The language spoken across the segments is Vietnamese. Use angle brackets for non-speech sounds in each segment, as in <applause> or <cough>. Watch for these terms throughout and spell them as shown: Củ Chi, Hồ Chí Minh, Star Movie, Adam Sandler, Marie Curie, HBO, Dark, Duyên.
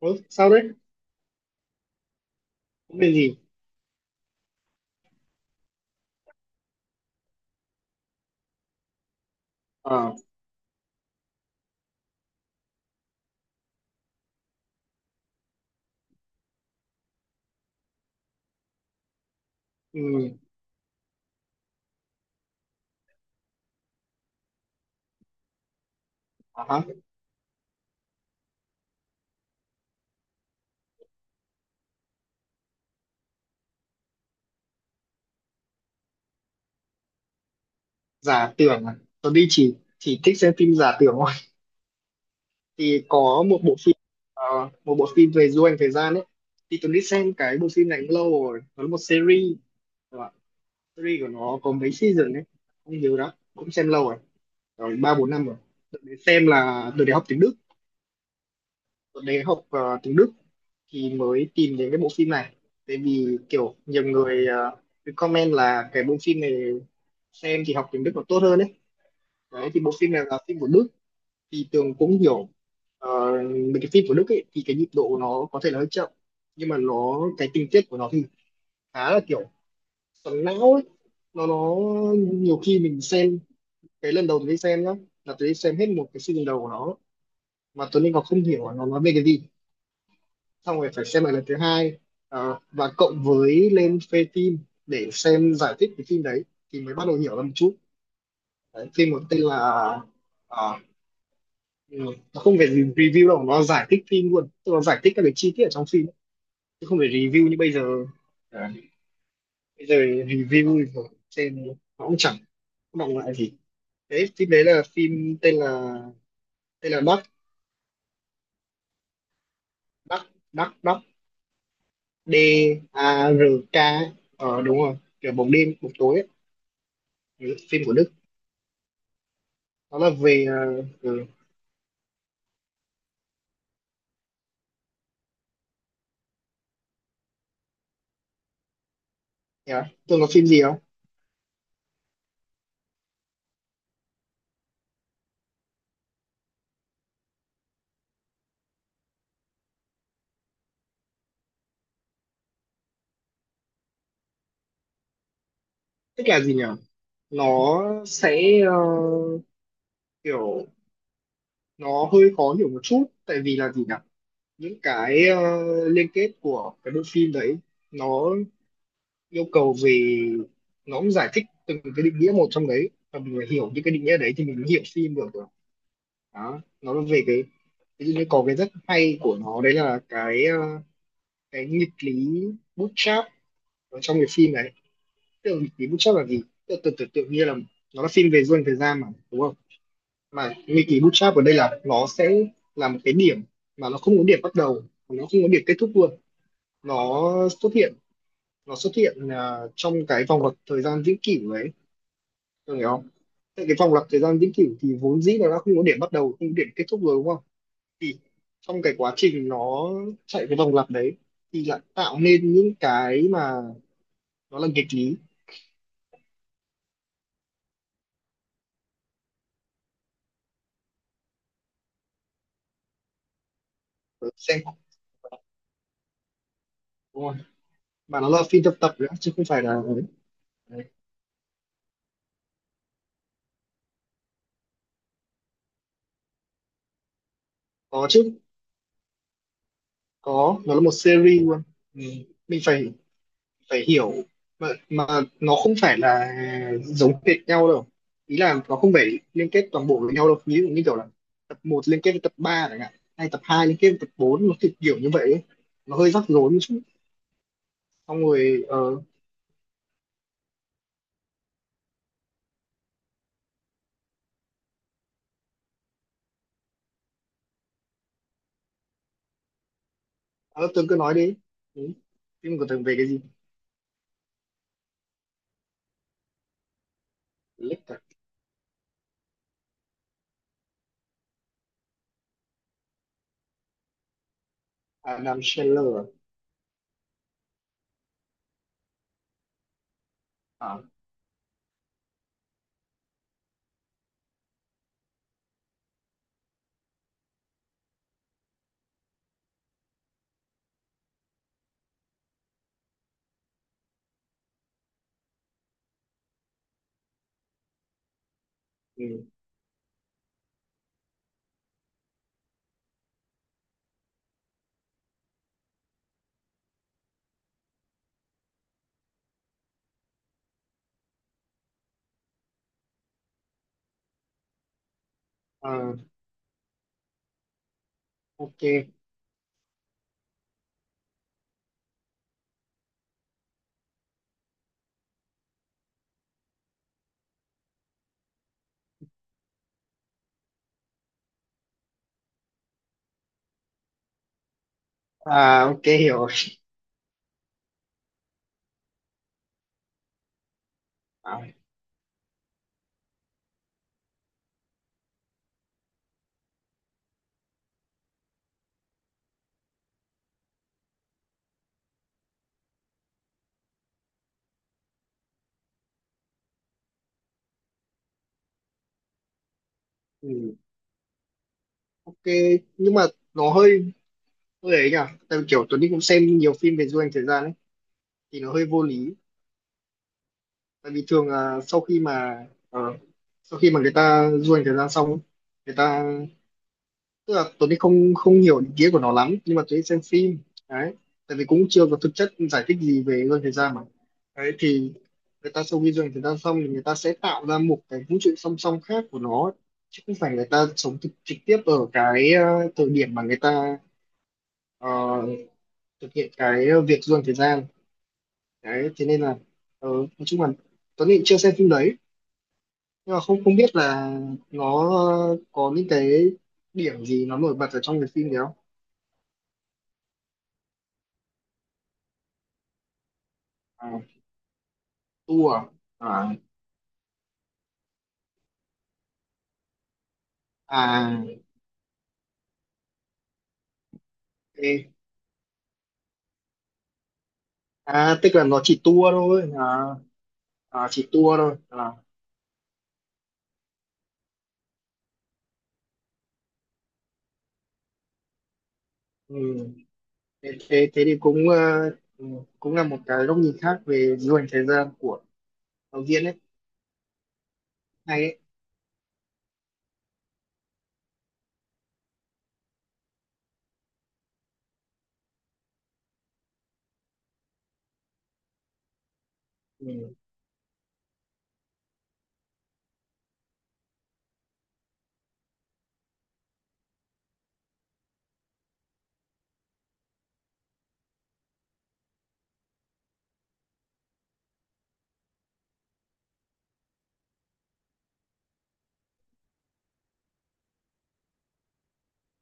Ừ, sao đấy? Vấn đề gì? Ờ, ừ, à, hả? Giả tưởng à? Tôi đi chỉ thích xem phim giả tưởng thôi. Thì có ờ, một bộ phim về du hành thời gian ấy. Thì tôi đi xem cái bộ phim này cũng lâu rồi. Nó là một series, các bạn. Series của nó có mấy season đấy, không nhớ đó. Cũng xem lâu rồi, rồi 3 4 năm rồi. Tôi đến xem là tôi để học tiếng Đức, tôi để học ờ, tiếng Đức thì mới tìm đến cái bộ phim này, tại vì kiểu nhiều người cứ comment là cái bộ phim này xem thì học tiếng Đức nó tốt hơn đấy. Đấy thì bộ phim này là phim của Đức, thì Tường cũng hiểu ờ, về cái phim của Đức ấy. Thì cái nhịp độ của nó có thể là hơi chậm, nhưng mà nó cái tình tiết của nó thì khá là kiểu xoắn não ấy. Nó Nhiều khi mình xem, cái lần đầu tôi đi xem nhá, là tôi đi xem hết một cái season đầu của nó mà tôi nên còn không hiểu là nó nói về cái gì, xong rồi phải xem lại lần thứ hai, và cộng với lên phê phim để xem giải thích cái phim đấy thì mới bắt đầu hiểu ra một chút. Đấy, phim có tên là ờ, ừ, nó không phải gì review đâu, nó giải thích phim luôn, tức là giải thích các cái chi tiết ở trong phim chứ không phải review như bây giờ. Đấy, bây giờ review thì xem nó cũng chẳng có động lại gì. Đấy, phim đấy là phim tên là Dark. Dark. Dark. Dark. D A R K. Đúng rồi, kiểu bóng đêm, bóng tối ấy. Phim của Đức. Nó là về ừ, yeah. Tưởng là phim gì không? Tức là gì nhỉ, nó sẽ kiểu, nó hơi khó hiểu một chút tại vì là gì nhỉ, những cái liên kết của cái bộ phim đấy, nó yêu cầu về, nó cũng giải thích từng cái định nghĩa một trong đấy, và mình phải hiểu những cái định nghĩa đấy thì mình mới hiểu phim được rồi. Đó, nó là về cái, ví dụ như có cái rất hay của nó đấy là cái nghịch lý bootstrap ở trong cái phim này. Tưởng nghịch ký bootstrap là gì? Tượng tự, tưởng tưởng tượng như là, nó là phim về du hành thời gian mà đúng không? Mà nghịch ký bootstrap ở đây là nó sẽ là một cái điểm mà nó không có điểm bắt đầu, nó không có điểm kết thúc luôn. nó xuất hiện nó xuất hiện trong cái vòng lặp thời gian vĩnh cửu đấy. Tôi hiểu không? Tại cái vòng lặp thời gian vĩnh cửu thì vốn dĩ nó đã không có điểm bắt đầu, không có điểm kết thúc rồi đúng không? Thì trong cái quá trình nó chạy cái vòng lặp đấy thì lại tạo nên những cái mà nó là nghịch lý. Ở, xem đúng không? Mà nó là phim tập tập nữa chứ không phải là. Có chứ, có, nó là một series luôn. Ừ. Mình phải phải hiểu, mà nó không phải là giống hệt nhau đâu, ý là nó không phải liên kết toàn bộ với nhau đâu. Ví dụ như kiểu là tập một liên kết với tập 3 chẳng hạn, hay tập hai liên kết với tập bốn, nó kiểu kiểu như vậy ấy. Nó hơi rắc rối một chút, xong rồi Tường cứ nói đi. Ừ, phim của Tường về cái gì? Lích à? Adam Sandler à? À. Ừ. Ờ, ok. À, ok, hiểu rồi. À, ừ, ok. Nhưng mà nó hơi hơi ấy nhỉ, tại vì kiểu Tuấn Đi cũng xem nhiều phim về du hành thời gian ấy, thì nó hơi vô lý. Tại vì thường là sau khi mà người ta du hành thời gian xong ấy, người ta, tức là Tuấn Đi không không hiểu ý nghĩa của nó lắm, nhưng mà Tuấn Đi xem phim đấy tại vì cũng chưa có thực chất giải thích gì về du hành thời gian mà. Đấy thì người ta sau khi du hành thời gian xong thì người ta sẽ tạo ra một cái vũ trụ song song khác của nó, chứ không phải người ta sống thực, trực tiếp ở cái thời điểm mà người ta ờ, thực hiện cái việc du hành thời gian. Đấy thế nên là nói chung là Tuấn Nghị chưa xem phim đấy, nhưng mà không không biết là nó có những cái điểm gì nó nổi bật ở trong cái phim đấy không. À, tour à? À. À, ê. À tức là nó chỉ tour thôi à? À chỉ tour thôi à? Ừ. thế, thế thế thì cũng ừ, cũng là một cái góc nhìn khác về du hành thời gian của đạo diễn ấy. Hay đấy. Ừ.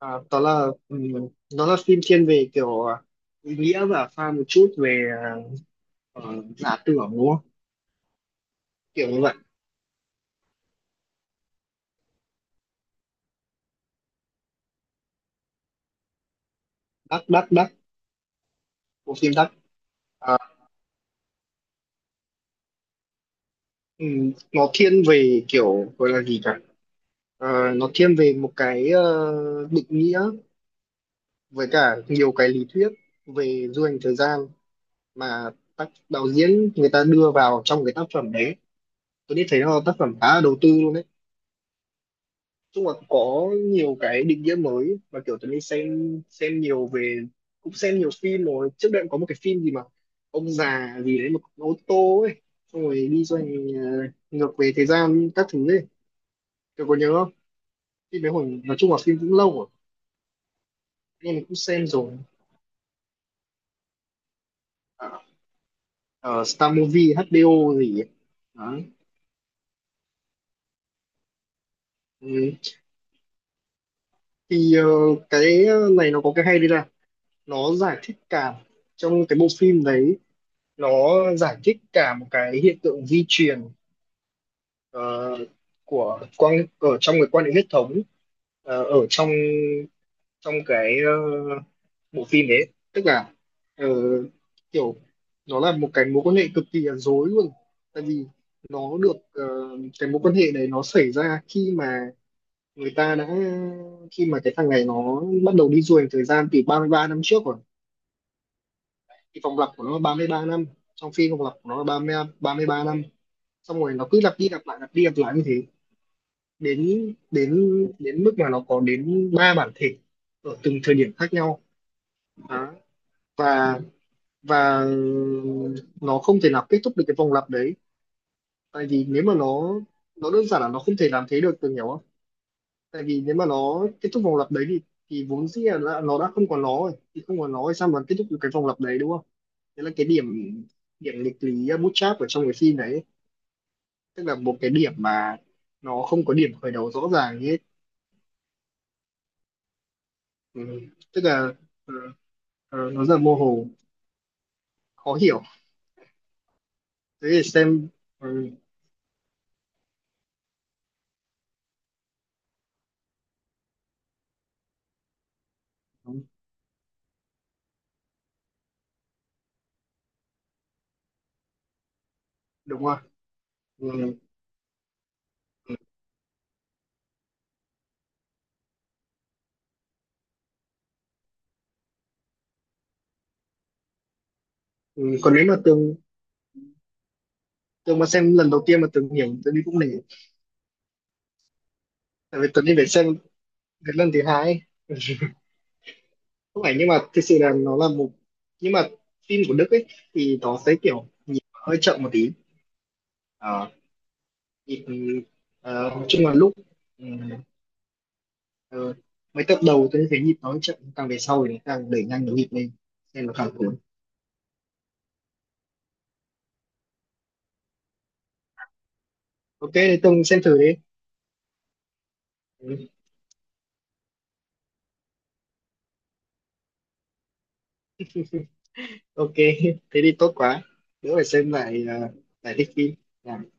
À, đó là nó là phim thiên về kiểu ý nghĩa và pha một chút về ờ, giả tưởng đúng không? Kiểu như vậy. Đắc, đắc, đắc, bộ phim đắc. À, nó thiên về kiểu gọi là gì cả. Ờ, nó thiên về một cái định nghĩa, với cả nhiều cái lý thuyết về du hành thời gian mà tác đạo diễn người ta đưa vào trong cái tác phẩm đấy. Tôi đi thấy nó là tác phẩm khá là đầu tư luôn đấy. Chung là có nhiều cái định nghĩa mới, và kiểu tớ đi xem nhiều về, cũng xem nhiều phim rồi, trước đây cũng có một cái phim gì mà ông già gì đấy một con ô tô ấy, xong rồi đi xoay ngược về thời gian các thứ ấy. Tôi có nhớ không, phim đấy hồi, nói chung là phim cũng lâu rồi, nên mình cũng xem rồi. Ờ, ờ, Star Movie HBO gì ấy. Đó. Ừ. Thì cái này nó có cái hay đây là nó giải thích cả trong cái bộ phim đấy. Nó giải thích cả một cái hiện tượng di truyền ờ, của quan, ở trong cái quan hệ huyết thống ở trong trong cái bộ phim đấy. Tức là ờ, kiểu nó là một cái mối quan hệ cực kỳ là rối luôn, tại vì nó được cái mối quan hệ này nó xảy ra khi mà người ta đã, khi mà cái thằng này nó bắt đầu đi du hành thời gian từ 33 năm trước rồi. Thì vòng lặp của nó là 33 năm, trong phim vòng lặp của nó là 33 năm, xong rồi nó cứ lặp đi lặp lại, lặp đi lặp lại như thế. Đến đến đến mức mà nó có đến ba bản thể ở từng thời điểm khác nhau. Đó. và và nó không thể nào kết thúc được cái vòng lặp đấy, tại vì nếu mà nó đơn giản là nó không thể làm thế được. Tôi hiểu không? Tại vì nếu mà nó kết thúc vòng lặp đấy thì vốn dĩ là nó đã không còn nó rồi, thì không còn nó thì sao mà kết thúc được cái vòng lặp đấy đúng không? Đấy là cái điểm điểm nghịch lý bootstrap ở trong cái phim đấy, tức là một cái điểm mà nó không có điểm khởi đầu rõ ràng như hết. Ừ. Tức là, ừ, nó rất là mơ hồ, khó hiểu. Thế thì xem. ừ, Đúng, đúng rồi. Ừ, ừ, ừ. Còn nếu mà tường tường mà xem lần đầu tiên mà tường hiểu, tường đi cũng nể, tại vì tường đi phải xem đến lần thứ hai ấy. Không phải, nhưng mà thực sự là nó là một nhưng mà phim của Đức ấy thì nó sẽ kiểu nhịp hơi chậm một tí. Ờ, nhịp nói chung là lúc ừ, ờ, mấy tập đầu tôi thấy nhịp nó hơi chậm, càng về sau thì nó càng đẩy nhanh cái nhịp lên nên nó càng cuốn. Ok thì tường xem thử đi. Ừ. Ok. <laughs> thế thì tốt quá, đỡ phải xem lại. Lại thích phim. Dạ.